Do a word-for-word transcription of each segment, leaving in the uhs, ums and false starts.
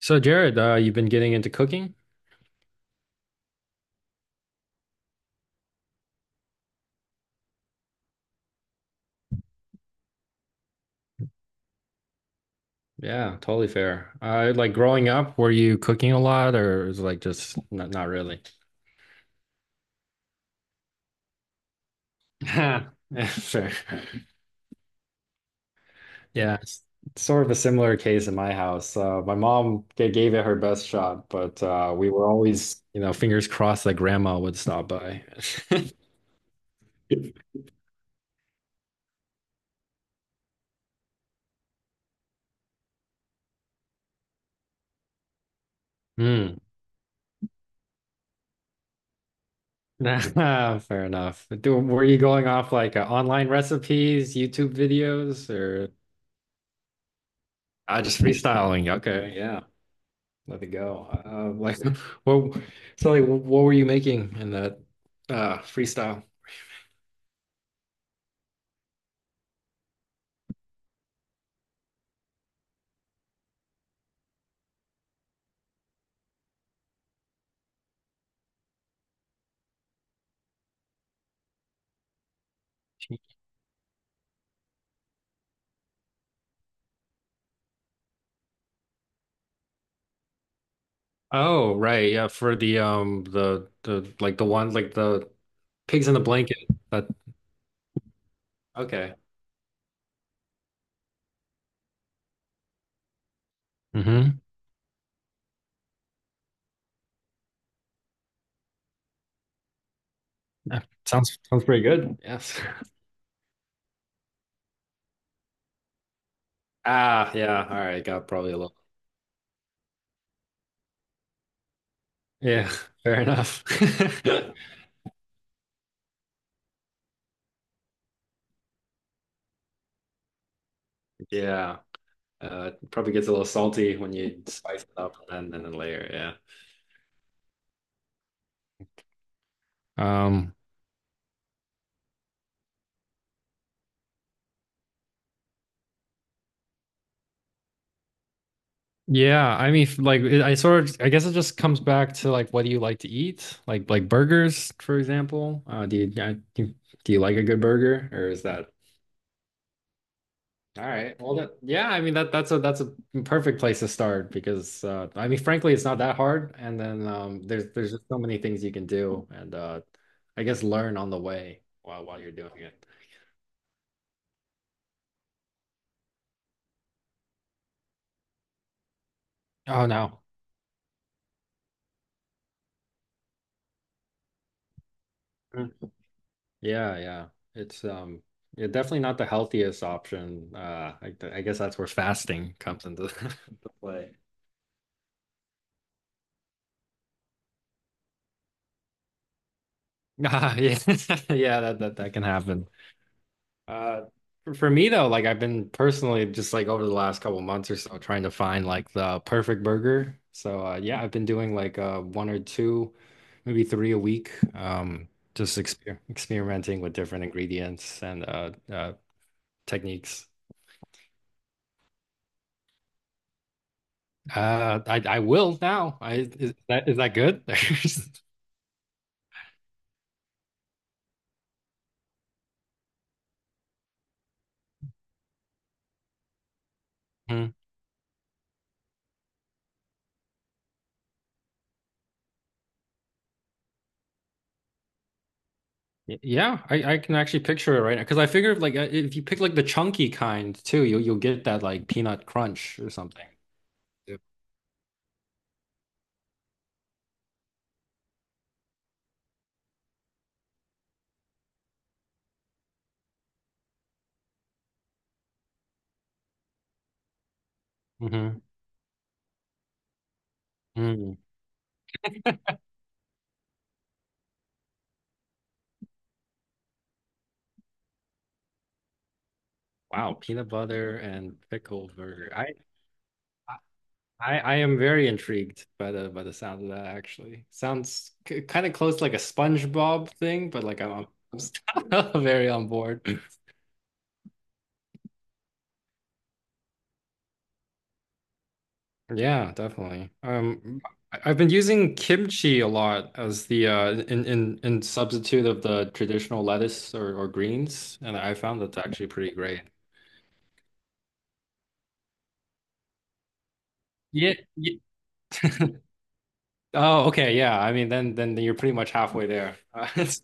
So Jared, uh, you've been getting into cooking? Yeah, totally fair. Uh, like growing up, were you cooking a lot, or is it like just not not really? Yeah, fair. Yeah, it's sort of a similar case in my house. Uh, my mom g- gave it her best shot, but uh, we were always, you know, fingers crossed that grandma would stop by. Hmm. Fair enough. Do, were you going off like uh, online recipes, YouTube videos, or I just freestyling? Okay, yeah. Let it go. Uh, like, what? So, like, what were you making in that uh, freestyle? Oh, right. Yeah, for the um the the like the one like the pigs in the blanket. That okay. Mm-hmm. Yeah. Sounds sounds pretty good. Yes. Ah, yeah. All right. Got probably a little. Yeah. Fair enough. Yeah. Uh, it probably gets a little salty when you spice it up and then and then layer. Yeah. Um. Yeah, I mean, f- like it- I sort of, I guess it just comes back to like what do you like to eat? Like like burgers, for example. Uh, do you, uh, do do you like a good burger, or is that all right? Well, that, yeah, I mean that that's a that's a perfect place to start because uh, I mean, frankly, it's not that hard, and then um, there's there's just so many things you can do, and uh, I guess learn on the way while while you're doing it. Oh no. Yeah, yeah. It's um yeah, definitely not the healthiest option. Uh I, I guess that's where fasting comes into into play. Ah, yeah. Yeah, that, that that can happen. Uh for, for me though, like I've been personally just like over the last couple months or so trying to find like the perfect burger. So uh yeah, I've been doing like uh one or two, maybe three a week. Um just exper experimenting with different ingredients and uh uh techniques. Uh, I I will now. I is that is that good? Mhm. Y- Yeah, I I can actually picture it right now because I figured like uh, if you pick like the chunky kind too, you'll you'll get that like peanut crunch or something. Yeah. Mhm. Mm. Wow, peanut butter and pickle burger. I I I am very intrigued by the by the sound of that actually. Sounds kind of close to like a SpongeBob thing, but like I'm, I'm very on board. Yeah, definitely. Um, I- I've been using kimchi a lot as the uh in in in substitute of the traditional lettuce or, or greens, and I found that's actually pretty great. Yeah, ye- Oh, okay. Yeah. I mean, then then you're pretty much halfway there. Uh, it's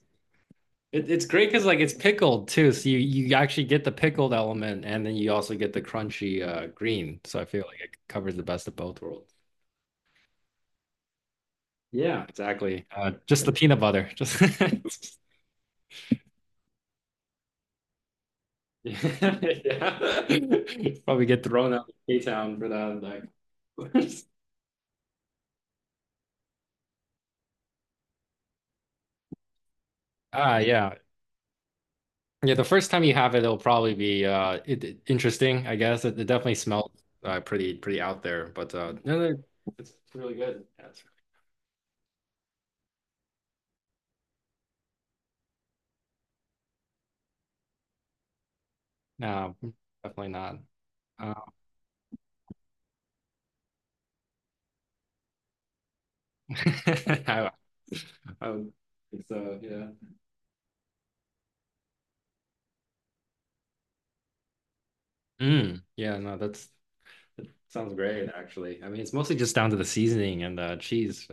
it, it's great because like it's pickled too, so you you actually get the pickled element, and then you also get the crunchy uh green. So I feel like it covers the best of both worlds. Yeah, exactly. Uh, just the peanut butter. Just. Yeah. Probably get thrown out of K-Town for that. Like, ah, yeah. Yeah, the first time you have it, it'll probably be uh it, it- interesting, I guess. It, it definitely smells uh, pretty pretty out there, but uh no, no, it's really good. Yeah, it's- no, definitely not. Um, I, I would think so, yeah. Mm, yeah, no, that's that sounds great actually. I mean, it's mostly just down to the seasoning and uh cheese.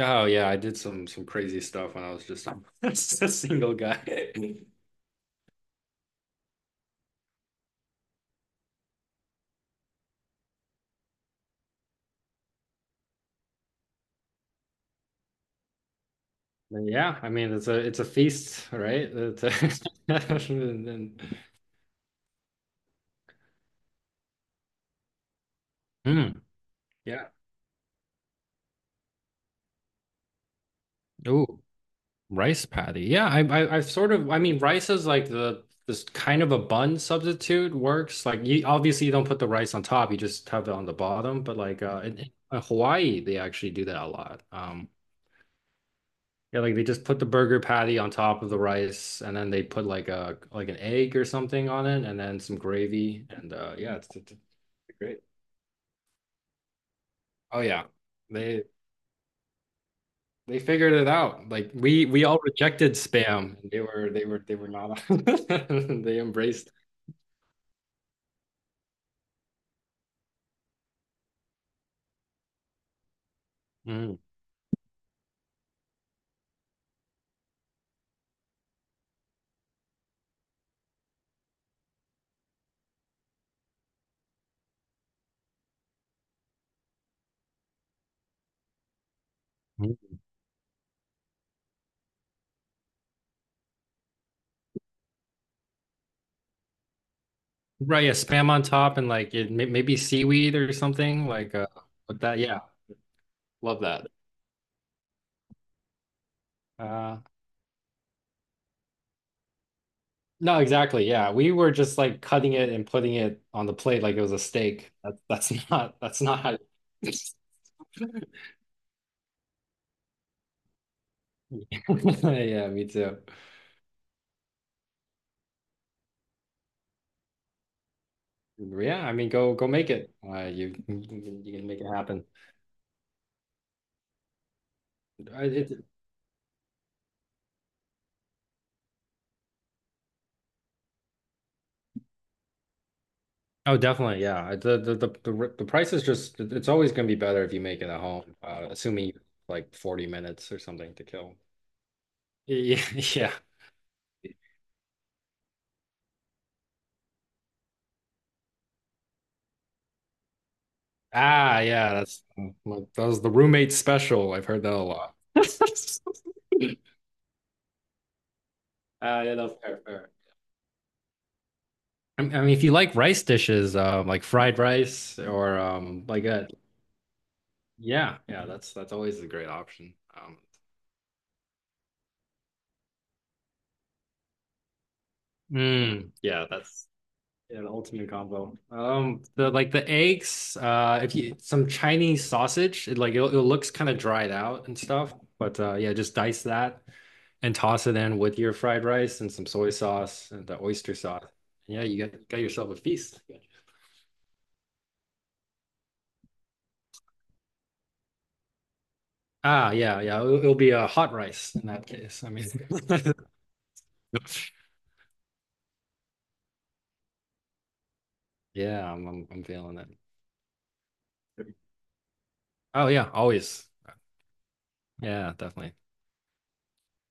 Oh yeah, I did some some crazy stuff when I was just, just a single guy. But yeah, I mean it's a it's a feast, right? It's a- and, and- Hmm, yeah. Oh, rice patty. Yeah, I, I I've sort of I mean rice is like the this kind of a bun substitute works. Like you obviously you don't put the rice on top, you just have it on the bottom. But like uh, in, in Hawaii, they actually do that a lot. Um, Yeah, like they just put the burger patty on top of the rice, and then they put like a like an egg or something on it, and then some gravy, and uh, yeah, it's, it's it's great. Oh yeah, they they figured it out. Like we we all rejected spam, and they were they were they were not. They embraced. Mm. Right, yeah, spam on top, and like it, may- maybe seaweed or something like uh, like that. Yeah, love that. Uh, No, exactly. Yeah. We were just like cutting it and putting it on the plate like it was a steak. That, that's not that's not how Yeah, me too. Yeah, I mean go go make it. Uh, you you can make it happen. I- It, oh, definitely. Yeah. The, the the the the price is just it's always going to be better if you make it at home, uh, assuming you have, like forty minutes or something to kill. Yeah, yeah. Ah, yeah, that's like, that was the roommate special. I've heard that a lot. I love fair, fair. I mean, I mean, if you like rice dishes, um, like fried rice or um, like a yeah, yeah, that's that's always a great option. Um, mm, yeah, that's yeah, the ultimate combo. Um, the like the eggs, uh, if you some Chinese sausage, it like it, it looks kind of dried out and stuff, but uh, yeah, just dice that and toss it in with your fried rice and some soy sauce and the oyster sauce. Yeah, you got got yourself a feast. Ah, yeah, yeah. It'll, it'll be a hot rice in that case. I mean, yeah, I'm, I'm I'm feeling it. Oh yeah, always. Yeah, definitely.